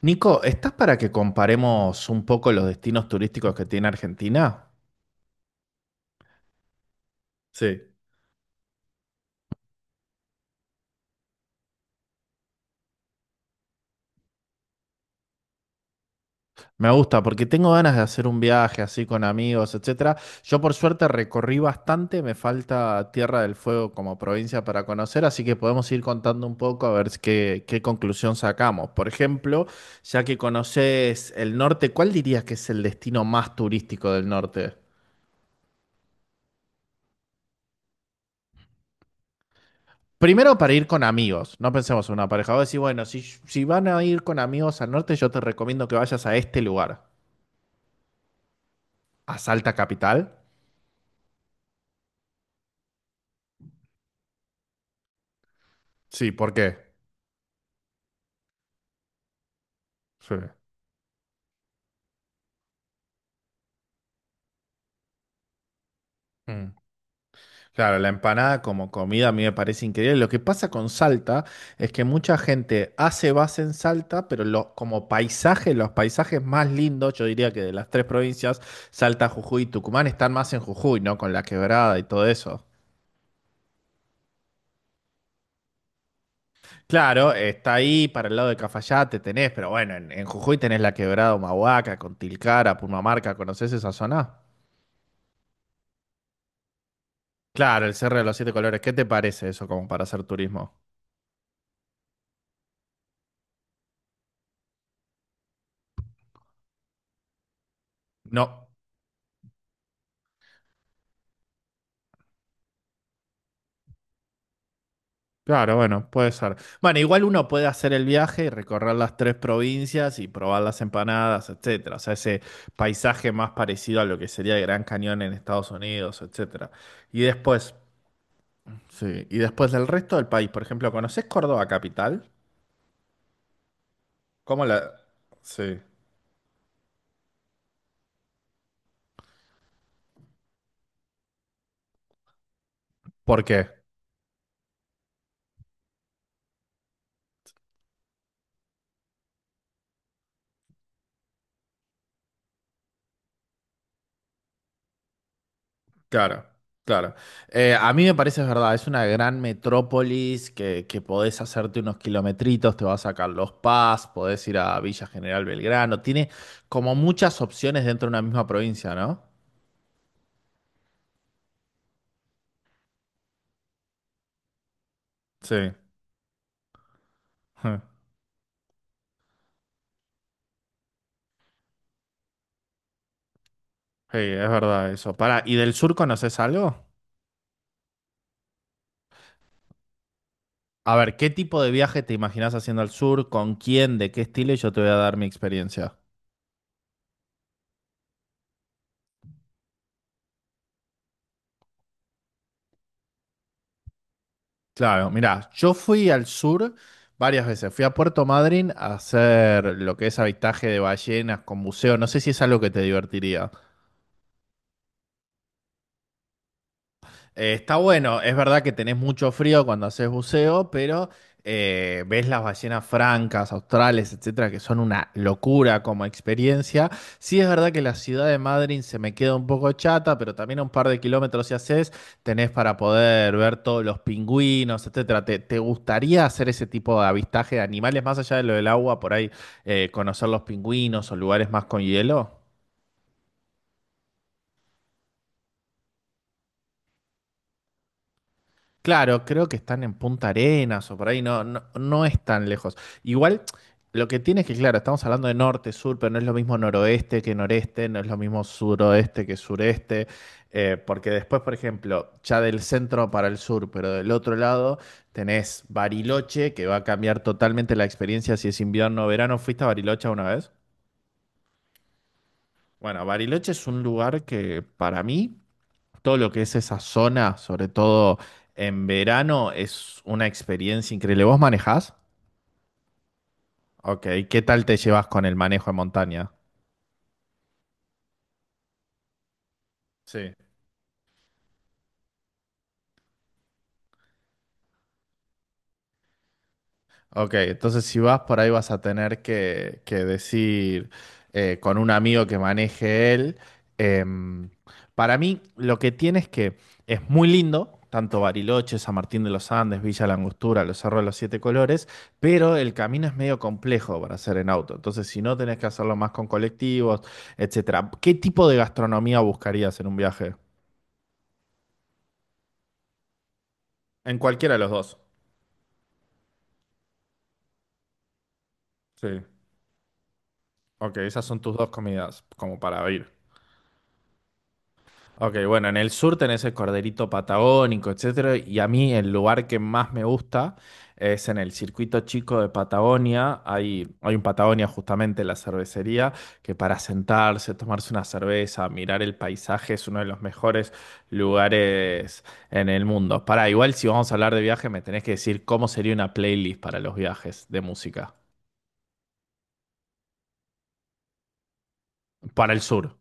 Nico, ¿estás para que comparemos un poco los destinos turísticos que tiene Argentina? Sí. Me gusta porque tengo ganas de hacer un viaje así con amigos, etcétera. Yo por suerte recorrí bastante, me falta Tierra del Fuego como provincia para conocer, así que podemos ir contando un poco a ver qué conclusión sacamos. Por ejemplo, ya que conoces el norte, ¿cuál dirías que es el destino más turístico del norte? Primero para ir con amigos, no pensemos en una pareja. Vos decís, bueno, si van a ir con amigos al norte, yo te recomiendo que vayas a este lugar, a Salta Capital. Sí, ¿por qué? Sí. Mm. Claro, la empanada como comida a mí me parece increíble. Lo que pasa con Salta es que mucha gente hace base en Salta, pero como paisaje, los paisajes más lindos, yo diría que de las tres provincias, Salta, Jujuy y Tucumán, están más en Jujuy, ¿no? Con la quebrada y todo eso. Claro, está ahí para el lado de Cafayate, tenés, pero bueno, en Jujuy tenés la Quebrada Humahuaca, Tilcara, Purmamarca, ¿conocés esa zona? Claro, el Cerro de los Siete Colores, ¿qué te parece eso como para hacer turismo? No, claro, bueno, puede ser. Bueno, igual uno puede hacer el viaje y recorrer las tres provincias y probar las empanadas, etcétera. O sea, ese paisaje más parecido a lo que sería el Gran Cañón en Estados Unidos, etcétera. Y después, sí, y después del resto del país, por ejemplo, ¿conocés Córdoba capital? ¿Cómo la...? Sí. ¿Por qué? Claro, claro. A mí me parece es verdad, es una gran metrópolis que podés hacerte unos kilometritos, te vas a Carlos Paz, podés ir a Villa General Belgrano, tiene como muchas opciones dentro de una misma provincia, ¿no? Sí, Ja. Sí, es verdad eso. Para, ¿y del sur conoces algo? A ver, ¿qué tipo de viaje te imaginas haciendo al sur? ¿Con quién? ¿De qué estilo? Y yo te voy a dar mi experiencia. Claro, mira, yo fui al sur varias veces. Fui a Puerto Madryn a hacer lo que es avistaje de ballenas con buceo. No sé si es algo que te divertiría. Está bueno, es verdad que tenés mucho frío cuando haces buceo, pero ves las ballenas francas, australes, etcétera, que son una locura como experiencia. Sí, es verdad que la ciudad de Madrid se me queda un poco chata, pero también a un par de kilómetros si haces, tenés para poder ver todos los pingüinos, etcétera. ¿Te gustaría hacer ese tipo de avistaje de animales más allá de lo del agua, por ahí conocer los pingüinos o lugares más con hielo? Claro, creo que están en Punta Arenas o por ahí, no es tan lejos. Igual, lo que tiene es que, claro, estamos hablando de norte, sur, pero no es lo mismo noroeste que noreste, no es lo mismo suroeste que sureste, porque después, por ejemplo, ya del centro para el sur, pero del otro lado tenés Bariloche, que va a cambiar totalmente la experiencia si es invierno o verano. ¿Fuiste a Bariloche una vez? Bueno, Bariloche es un lugar que para mí todo lo que es esa zona, sobre todo en verano, es una experiencia increíble. ¿Vos manejás? Ok, ¿qué tal te llevas con el manejo en montaña? Sí. Ok, entonces si vas por ahí vas a tener que decir con un amigo que maneje él. Em, para mí lo que tiene es que es muy lindo, tanto Bariloche, San Martín de los Andes, Villa La Angostura, los Cerros de los Siete Colores, pero el camino es medio complejo para hacer en auto. Entonces si no tenés que hacerlo más con colectivos, etcétera. ¿Qué tipo de gastronomía buscarías en un viaje? En cualquiera de los dos. Sí. Ok, esas son tus dos comidas como para ir. Ok, bueno, en el sur tenés el corderito patagónico, etcétera, y a mí el lugar que más me gusta es en el circuito chico de Patagonia. Hay un Patagonia justamente la cervecería, que para sentarse, tomarse una cerveza, mirar el paisaje es uno de los mejores lugares en el mundo. Para igual si vamos a hablar de viaje, me tenés que decir cómo sería una playlist para los viajes de música. Para el sur,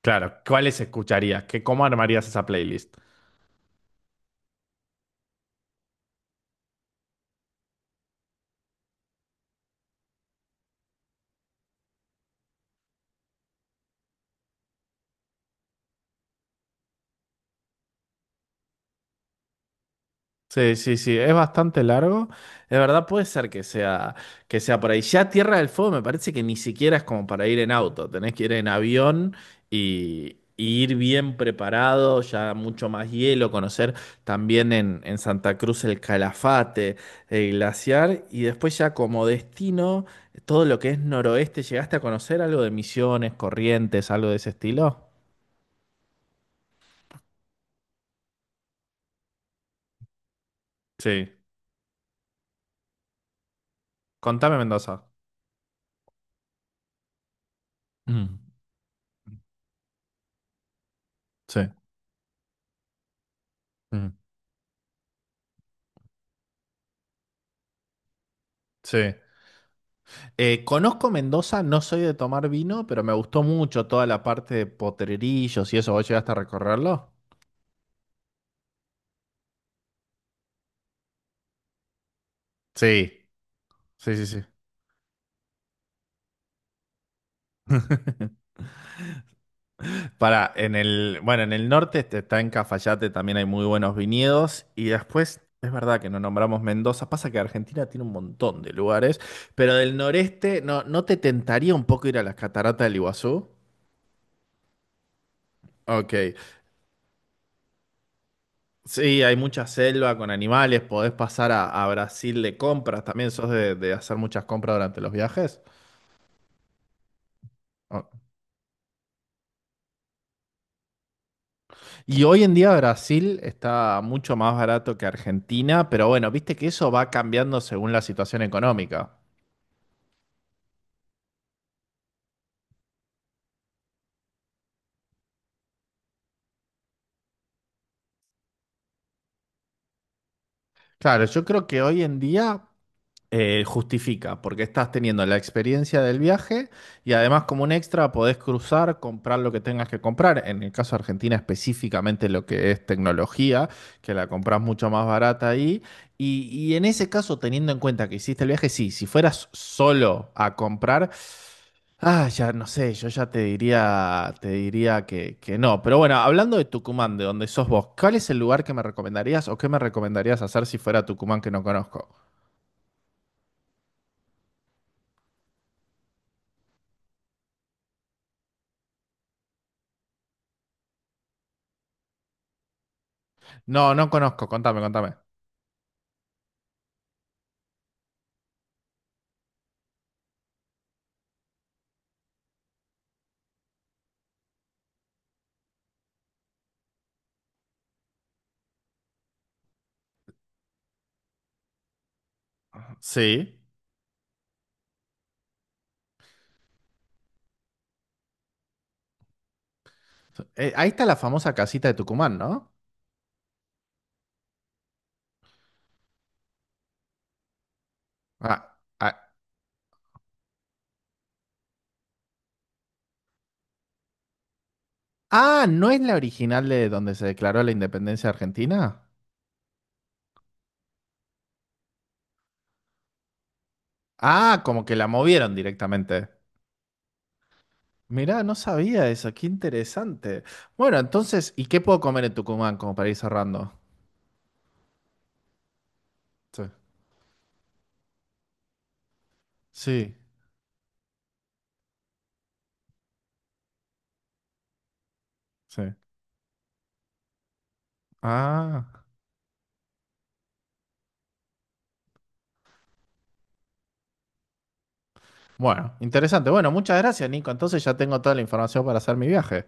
claro, ¿cuáles escucharías? ¿Qué, cómo armarías esa playlist? Sí, sí, sí, es bastante largo. De verdad puede ser que sea por ahí. Ya Tierra del Fuego me parece que ni siquiera es como para ir en auto, tenés que ir en avión y ir bien preparado, ya mucho más hielo, conocer también en Santa Cruz el Calafate, el glaciar y después ya como destino, todo lo que es noroeste, ¿llegaste a conocer algo de Misiones, Corrientes, algo de ese estilo? Sí, contame Mendoza. Mm. Sí. Mm. Sí. Conozco Mendoza, no soy de tomar vino, pero me gustó mucho toda la parte de Potrerillos y eso. ¿Vos llegaste a recorrerlo? Sí, sí, sí, sí. Para, en el, bueno, en el norte este, está en Cafayate, también hay muy buenos viñedos. Y después, es verdad que no nombramos Mendoza, pasa que Argentina tiene un montón de lugares, pero del noreste, ¿no, no te tentaría un poco ir a las cataratas del Iguazú? Ok. Sí, hay mucha selva con animales, podés pasar a Brasil de compras, también sos de hacer muchas compras durante los viajes. Ah. Y hoy en día Brasil está mucho más barato que Argentina, pero bueno, viste que eso va cambiando según la situación económica. Claro, yo creo que hoy en día justifica, porque estás teniendo la experiencia del viaje y además como un extra podés cruzar, comprar lo que tengas que comprar. En el caso de Argentina específicamente lo que es tecnología, que la compras mucho más barata ahí. Y en ese caso, teniendo en cuenta que hiciste el viaje, sí, si fueras solo a comprar, ah, ya no sé, yo ya te diría que no. Pero bueno, hablando de Tucumán, de donde sos vos, ¿cuál es el lugar que me recomendarías o qué me recomendarías hacer si fuera a Tucumán que no conozco? No, no conozco, contame, contame. Sí. Ahí está la famosa casita de Tucumán, ¿no? Ah, ah, ah, ¿no es la original de donde se declaró la independencia argentina? Ah, como que la movieron directamente. Mirá, no sabía eso, qué interesante. Bueno, entonces, ¿y qué puedo comer en Tucumán como para ir cerrando? Sí. Sí, sí. Ah, bueno, interesante. Bueno, muchas gracias, Nico. Entonces ya tengo toda la información para hacer mi viaje.